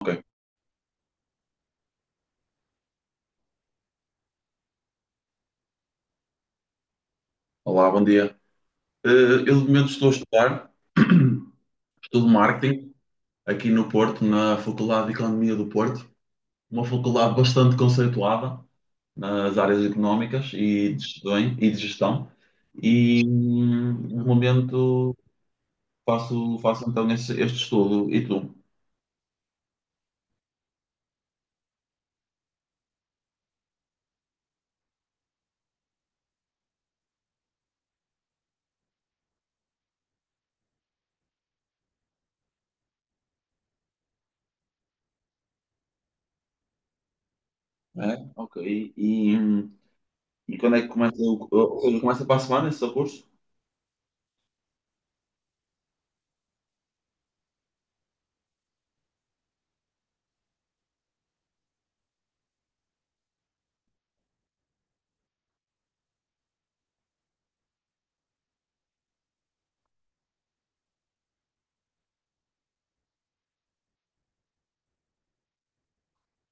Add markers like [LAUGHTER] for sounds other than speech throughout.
Ok. Olá, bom dia. Eh, Eu, de momento, estou a estudar, estudo marketing aqui no Porto, na Faculdade de Economia do Porto, uma faculdade bastante conceituada nas áreas económicas e de gestão. E, de gestão. E, de momento, faço então este estudo. E tu? É? Ok. E quando é que começa Ou seja, começa para a semana esse teu curso?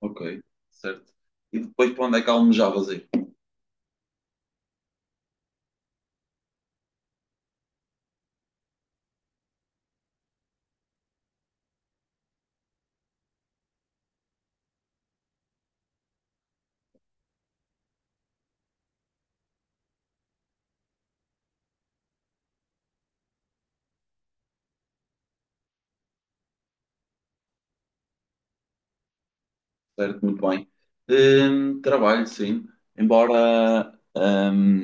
Ok, certo. E depois, para onde é que almejavas ir? Certo, muito bem. Trabalho, sim, embora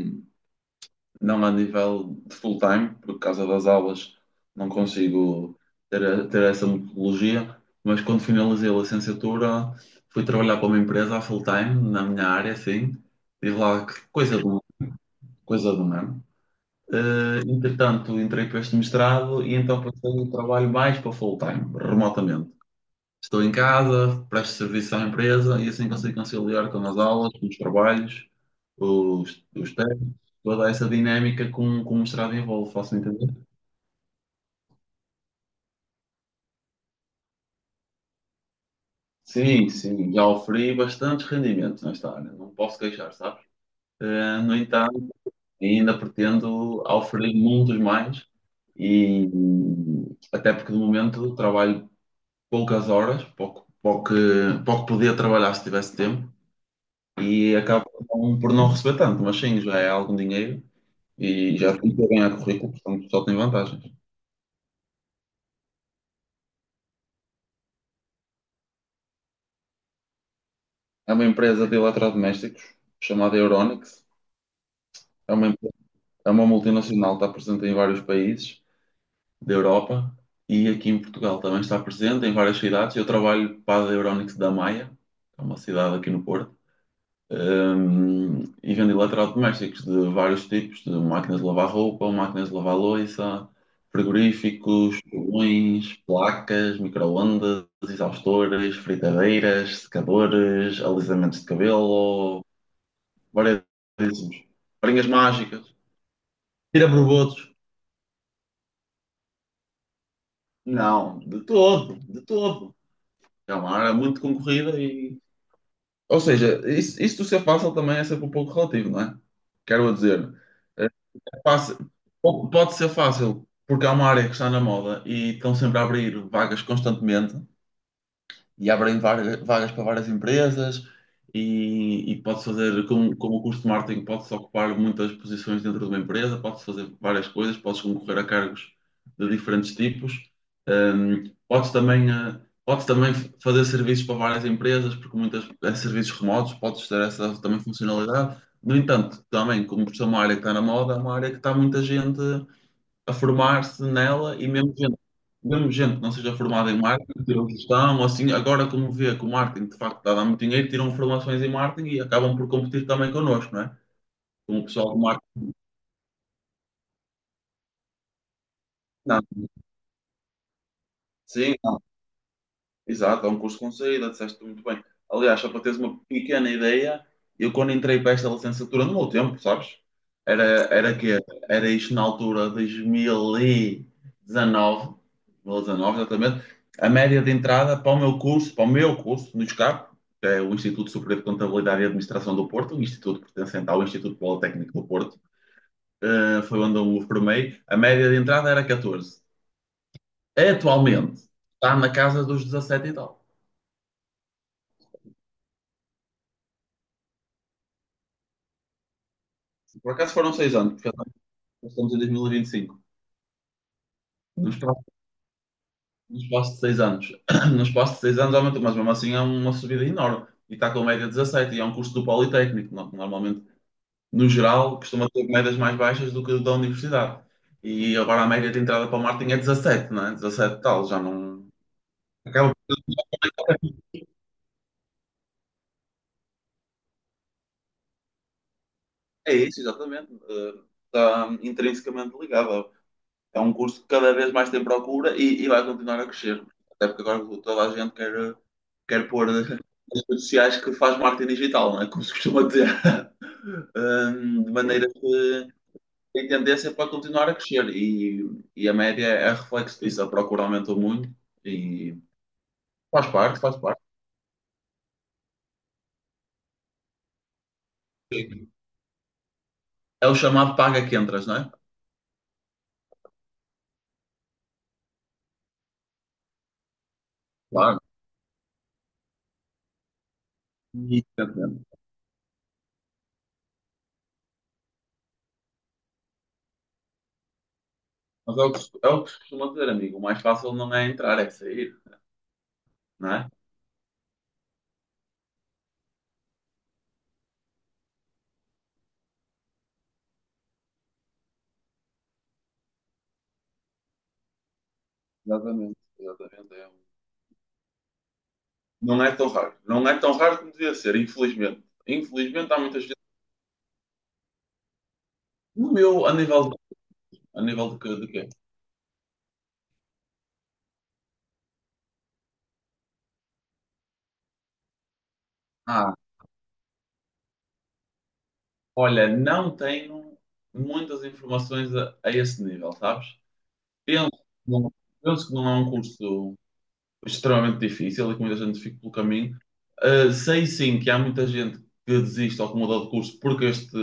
não a nível de full-time, por causa das aulas não consigo ter essa metodologia, mas quando finalizei a licenciatura fui trabalhar para uma empresa a full-time, na minha área, sim, tive lá coisa de um, coisa de um ano. Entretanto, entrei para este mestrado e então passei o trabalho mais para full-time, remotamente. Estou em casa, presto serviço à empresa e assim consigo conciliar com as aulas, com os trabalhos. Os testes, toda essa dinâmica que um mestrado envolve, faço entender? Sim, sim, já oferi bastantes rendimentos nesta área, não posso queixar, sabes? No entanto, ainda pretendo oferecer muitos mais e até porque de momento trabalho poucas horas, pouco podia trabalhar se tivesse tempo e acabo por não receber tanto, mas sim, já é algum dinheiro e já estou bem a currículo, portanto só tem vantagens. É uma empresa de eletrodomésticos chamada Euronics. É uma, empre- é uma multinacional, está presente em vários países da Europa e aqui em Portugal também está presente em várias cidades. Eu trabalho para a Euronics da Maia, que é uma cidade aqui no Porto. E vendo eletrodomésticos de vários tipos, de máquinas de lavar roupa, máquinas de lavar louça, frigoríficos, fogões, placas, microondas, exaustores, fritadeiras, secadores, alisamentos de cabelo, variadíssimos. Varinhas mágicas. Tira borbotos. Não, de todo, de todo. É uma área muito concorrida. Ou seja, isso de ser fácil também é sempre um pouco relativo, não é? Quero dizer, é fácil- pode ser fácil porque é uma área que está na moda e estão sempre a abrir vagas constantemente, e abrem vagas para várias empresas e pode fazer, como o curso de marketing, pode-se ocupar muitas posições dentro de uma empresa, pode-se fazer várias coisas, pode-se concorrer a cargos de diferentes tipos. Hum, pode-se também, eh, pode-se também fazer serviços para várias empresas, porque muitas é serviços remotos, pode-se ter essa também funcionalidade. No entanto, também, como por ser uma área que está na moda, é uma área que está muita gente a formar-se nela e mesmo gente que não seja formada em marketing, tiram gestão, ou assim, agora como vê que o marketing de facto está a dar muito dinheiro, tiram formações em marketing e acabam por competir também connosco, não é? Com o pessoal do marketing. Sim, exato, é um curso com saída, disseste muito bem. Aliás, só para teres uma pequena ideia, eu quando entrei para esta licenciatura, no meu tempo, sabes? Era, era que era isto na altura de dois mil e dezanove, 2019, exatamente, a média de entrada para o meu curso no ISCAP, que é o Instituto Superior de Contabilidade e Administração do Porto, um instituto pertencente ao Instituto Politécnico do Porto, foi onde eu me formei, a média de entrada era 14. Atualmente está na casa dos 17 e tal. Por acaso foram 6 anos, porque nós estamos em 2025. No espaço, no espaço de 6 anos. [CLEARS THROAT] No espaço de seis anos aumentou, mas mesmo assim é uma subida enorme. E está com média 17, e é um curso do Politécnico. Normalmente, no geral, costuma ter médias mais baixas do que da universidade. E agora a média de entrada para o Martin é 17, não é? 17 tal, já não. Acaba. É isso, exatamente. Está intrinsecamente ligado. É um curso que cada vez mais tem procura e vai continuar a crescer. Até porque agora toda a gente quer pôr nas redes sociais que faz marketing digital, não é? Como se costuma dizer. [LAUGHS] De maneira que tem tendência é para continuar a crescer e a média é reflexo disso. A procura aumentou muito e faz parte, faz parte. É o chamado paga que entras, não é? Claro. Exatamente. Mas é o que se costuma dizer, amigo. O mais fácil não é entrar, é sair, não é? Exatamente, exatamente. Não é tão raro. Não é tão raro como devia ser, infelizmente. Infelizmente há muita gente. No meu, a nível de quê? Ah, olha, não tenho muitas informações a esse nível, sabes? Penso, que não- penso que não é um curso extremamente difícil e que muita gente fica pelo caminho. Sei sim que há muita gente que desiste ou que muda de curso porque este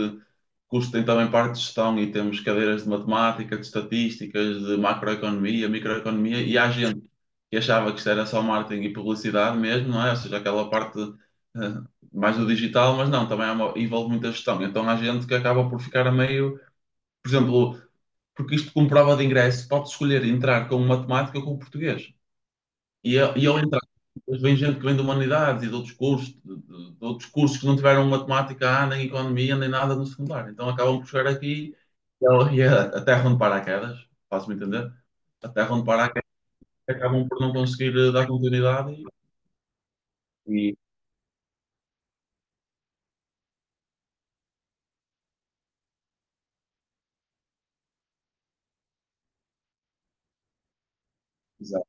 curso tem também parte de gestão e temos cadeiras de matemática, de estatísticas, de macroeconomia, microeconomia e há gente que achava que isto era só marketing e publicidade mesmo, não é? Ou seja, aquela parte mais do digital, mas não, também há envolve muita gestão. Então há gente que acaba por ficar a meio, por exemplo, porque isto como prova de ingresso, pode escolher entrar com matemática ou com português. E, e ao entrar, depois vem gente que vem de humanidades e de outros cursos, de outros cursos que não tiveram matemática, nem economia, nem nada no secundário. Então acabam por chegar aqui e a a terra onde paraquedas, faço-me entender, a terra onde paraquedas acabam por não conseguir dar continuidade e exato,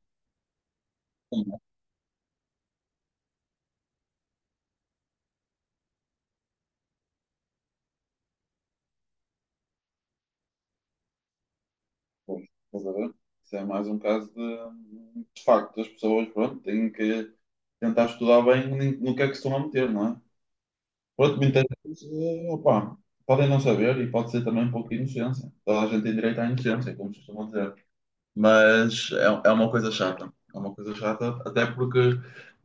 como é, pois, estás a ver? Isso é mais um caso de facto, as pessoas, pronto, têm que tentar estudar bem no no que é que se estão a meter, não é? Outro muitas vezes, opá, podem não saber e pode ser também um pouco de inocência. Toda a gente tem direito à inocência, como costumam dizer. Mas é, é uma coisa chata. É uma coisa chata, até porque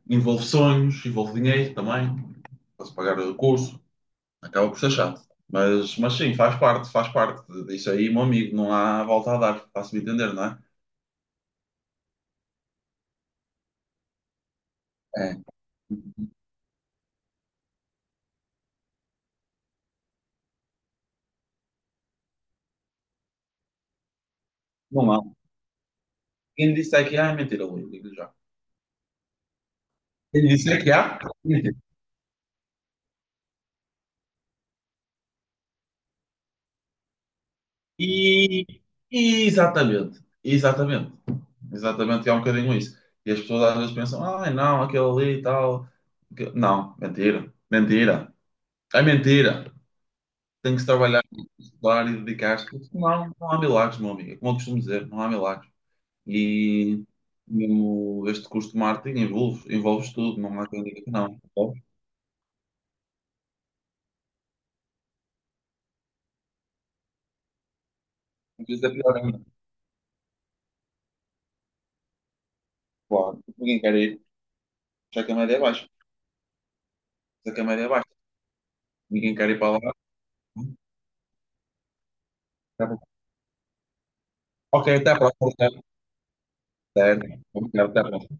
envolve sonhos, envolve dinheiro também. Para se pagar o curso, acaba por ser chato. Mas sim, faz parte isso aí, meu amigo. Não há volta a dar, se me entender, não é? É, não há. Quem disse é que há, é mentira, Luís, digo já. Quem disse é que há, é E, Exatamente, exatamente, exatamente, é um bocadinho isso. E as pessoas às vezes pensam, ai não, aquele ali e tal. Não, mentira, mentira, é mentira. Tem que se trabalhar, estudar e dedicar-se, porque senão não há milagres, meu amigo. É como eu costumo dizer, não há milagres. E mesmo este curso de marketing envolve, envolve tudo, não há quem diga que não. Percebes? Às vezes é pior ainda, claro, ninguém quer ir, já que a média é baixa, já que a média é baixa, ninguém quer ir para lá. Ok, até a próxima. Certo? Obrigado, até a próxima.